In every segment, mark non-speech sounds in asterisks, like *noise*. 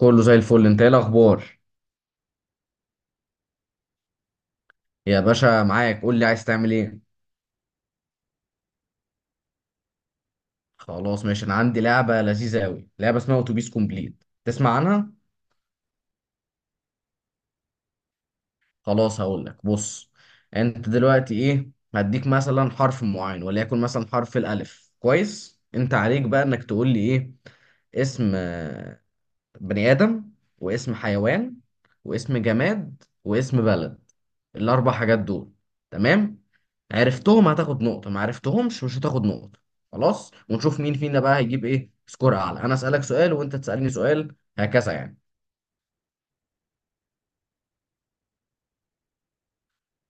كله زي الفل، انت ايه الاخبار؟ يا باشا معاك، قول لي عايز تعمل ايه. خلاص ماشي. انا عندي لعبه لذيذه قوي، لعبه اسمها اتوبيس كومبليت. تسمع عنها؟ خلاص هقول لك. بص، انت دلوقتي ايه، هديك مثلا حرف معين، وليكن مثلا حرف الالف. كويس، انت عليك بقى انك تقول لي ايه اسم بني ادم، واسم حيوان، واسم جماد، واسم بلد. الاربع حاجات دول، تمام؟ عرفتهم هتاخد نقطة، ما عرفتهمش مش هتاخد نقطة. خلاص، ونشوف مين فينا بقى هيجيب ايه سكور اعلى. انا اسألك سؤال وانت تسألني سؤال، هكذا يعني.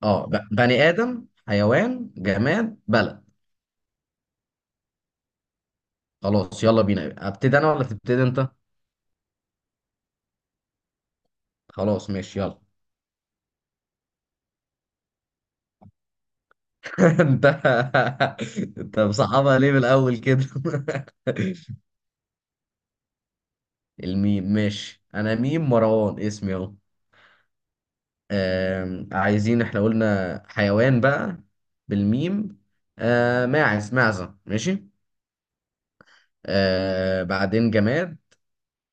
اه، بني ادم، حيوان، جماد، بلد. خلاص يلا بينا، ابتدي انا ولا تبتدي انت؟ خلاص ماشي يلا. *laughs* انت انت مصعبها ليه من الاول كده؟ *laughs* الميم ماشي. انا ميم مروان اسمي اهو. عايزين، احنا قلنا حيوان بقى بالميم. ماعز، معزة. ماشي. بعدين جماد.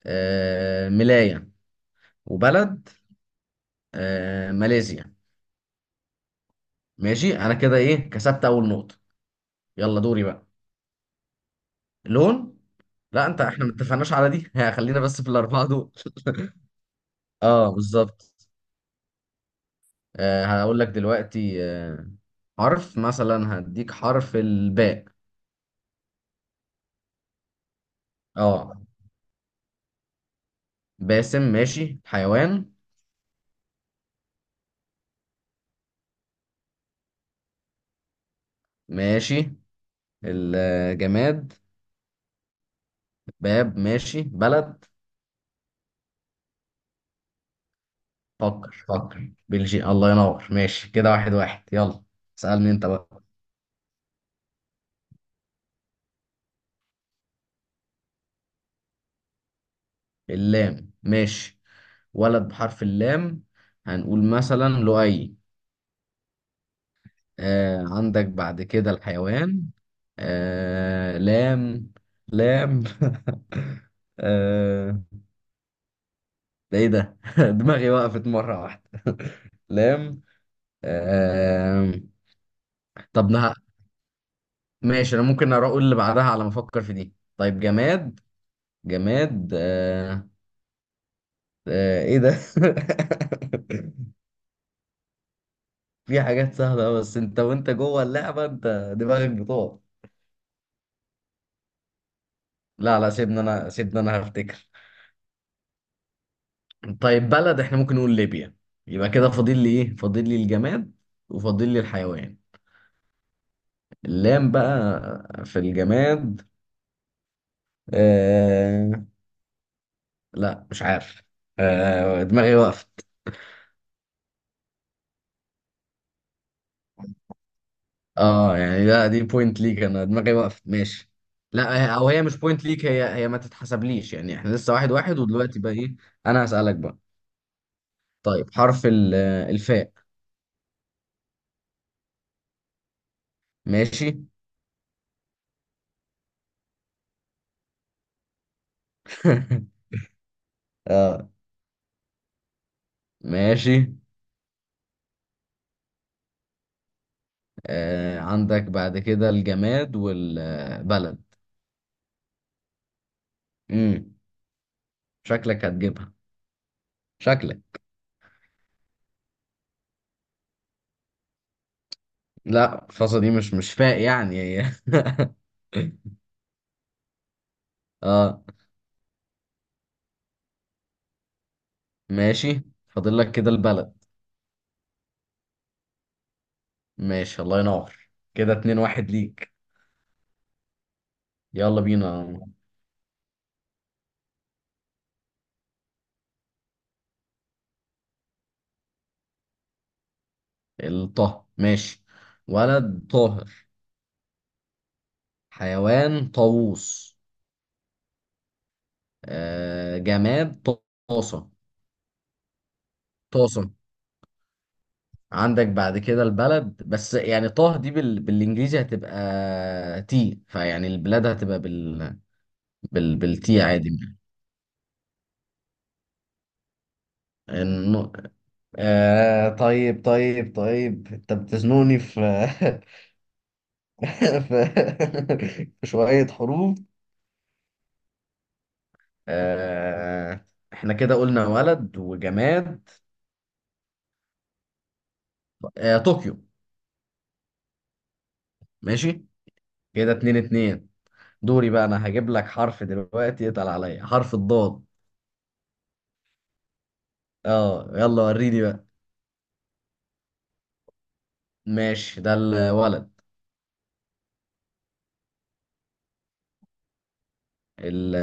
ملاية. وبلد، ماليزيا. ماشي، انا كده ايه كسبت اول نقطة. يلا دوري بقى. لون؟ لا انت، احنا ما اتفقناش على دي. *laughs* ها، خلينا بس في الاربعة دول. *laughs* اه بالظبط. هقول لك دلوقتي. حرف مثلا هديك حرف الباء. اه، باسم. ماشي حيوان. ماشي الجماد، باب. ماشي بلد، فكر فكر، بلجيكا. الله ينور. ماشي كده واحد واحد. يلا اسألني انت بقى. اللام ماشي. ولد بحرف اللام هنقول مثلا لؤي. آه عندك بعد كده الحيوان. آه لام. لام. *laughs* آه. ده ايه ده؟ *laughs* دماغي وقفت مرة واحدة. *laughs* لام. آه. طب ماشي، انا ممكن اروح اقول اللي بعدها على ما افكر في دي. طيب جماد. جماد، آه. آه ايه ده؟ *laughs* في حاجات سهله أوي، بس انت وانت جوه اللعبه انت دماغك بتقع. لا لا، سيبنا انا هفتكر. طيب بلد، احنا ممكن نقول ليبيا. يبقى كده فاضل لي ايه؟ فاضل لي الجماد وفاضل لي الحيوان. اللام بقى في الجماد. آه. لا مش عارف. آه دماغي وقفت. اه يعني، لا دي بوينت ليك، انا دماغي وقفت ماشي. لا او هي مش بوينت ليك. هي ما تتحسبليش يعني. احنا لسه واحد واحد. ودلوقتي بقى ايه؟ انا هسألك بقى. طيب حرف الفاء. ماشي. *laughs* اه ماشي. آه عندك بعد كده الجماد والبلد. امم شكلك هتجيبها. شكلك. لا، الفاصة دي مش فاء يعني هي. *laughs* اه ماشي. فاضل لك كده البلد. ماشي، الله ينور. كده اتنين واحد ليك. يلا بينا. الطه ماشي. ولد طاهر. حيوان طاووس. آه جماد. طاسة. طاسة. عندك بعد كده البلد، بس يعني طه دي بالانجليزي هتبقى تي، فيعني البلاد هتبقى بالتي عادي. الن... آه طيب طيب طيب، انت بتزنوني في. *laughs* في في شوية حروف. آه احنا كده قلنا ولد وجماد. آه طوكيو. ماشي. كده اتنين اتنين. دوري بقى. انا هجيب لك حرف دلوقتي يتقل عليا، حرف الضاد. اه يلا وريني بقى. ماشي، ده الولد. ال-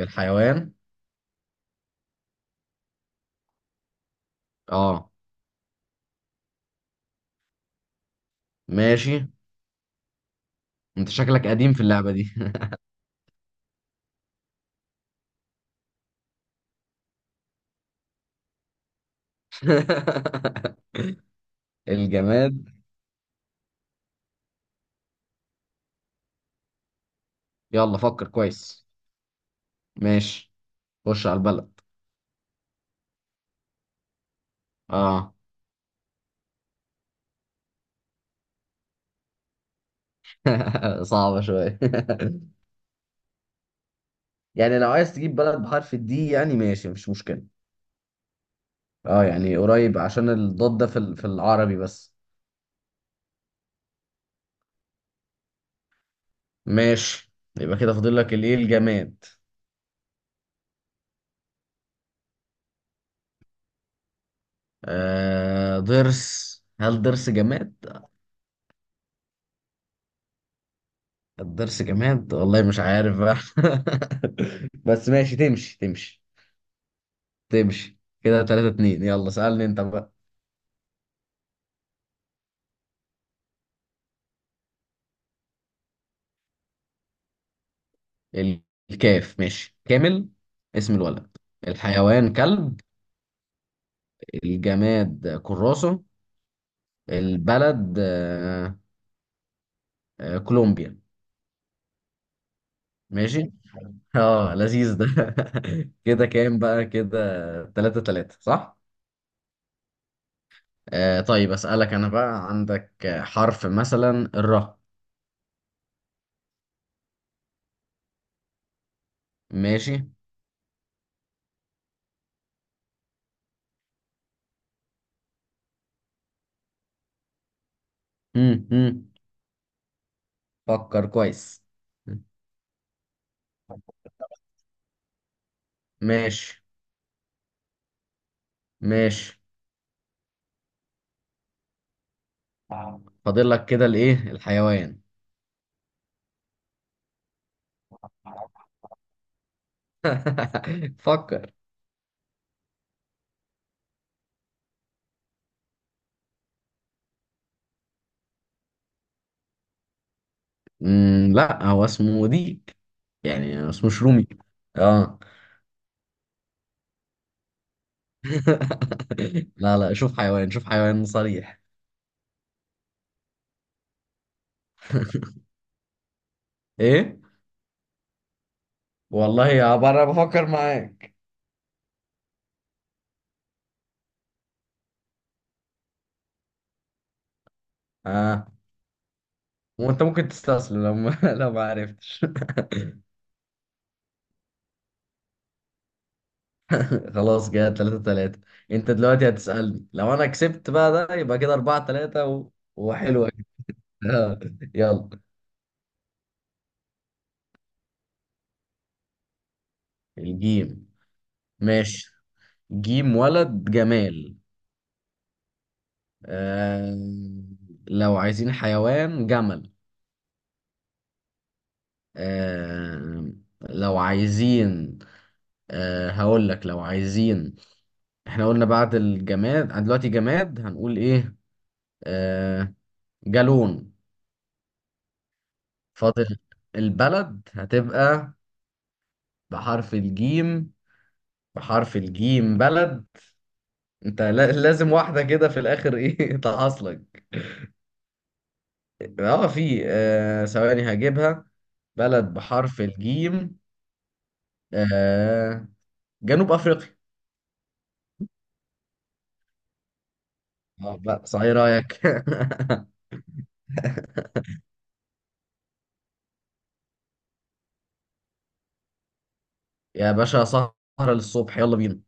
الحيوان. اه ماشي. انت شكلك قديم في اللعبة دي. *laughs* الجماد. يلا فكر كويس. ماشي. خش على البلد. اه. *laughs* صعبة شوية. *laughs* يعني لو عايز تجيب بلد بحرف الدي يعني ماشي، مفيش مشكلة. اه يعني قريب، عشان الضاد ده في في العربي بس. ماشي. يبقى كده فاضل لك الايه، الجماد. آه ضرس. هل ضرس جماد؟ الضرس جماد، والله مش عارف بقى. *laughs* بس ماشي، تمشي تمشي تمشي. كده 3 2. يلا سألني انت بقى. ال- الكاف ماشي. كامل، اسم الولد. الحيوان كلب. الجماد كراسة. البلد، آه كولومبيا. ماشي. اه لذيذ ده. *laughs* كده كام بقى كده، 3 3 صح؟ آه طيب، أسألك أنا بقى. عندك حرف مثلا الراء. ماشي. مم. مم. فكر كويس. ماشي ماشي. فاضل لك كده الإيه، الحيوان. *laughs* فكر. لا هو اسمه ديك، يعني اسمه شرومي؟ اه. *laughs* لا لا، شوف حيوان، شوف حيوان صريح. *laughs* ايه، والله يا بره بفكر معاك. اه. وانت ممكن تستسلم لو ما *laughs* لو ما عرفتش. خلاص كده تلاتة تلاتة. انت دلوقتي هتسألني، لو انا كسبت بقى ده يبقى كده اربعة تلاتة وحلوة كده. *laughs* يلا. الجيم ماشي. جيم ولد جمال. آه... لو عايزين حيوان، جمل. آه... لو عايزين، هقول لك لو عايزين، احنا قلنا بعد الجماد، عن دلوقتي جماد هنقول ايه. آه... جالون. فاضل البلد، هتبقى بحرف الجيم. بلد، انت لازم واحدة كده في الاخر ايه *laughs* تحصلك. اه في. ثواني هجيبها. بلد بحرف الجيم. آه جنوب افريقيا. اه بقى صحيح رايك. *laughs* يا باشا سهرة للصبح، يلا بينا.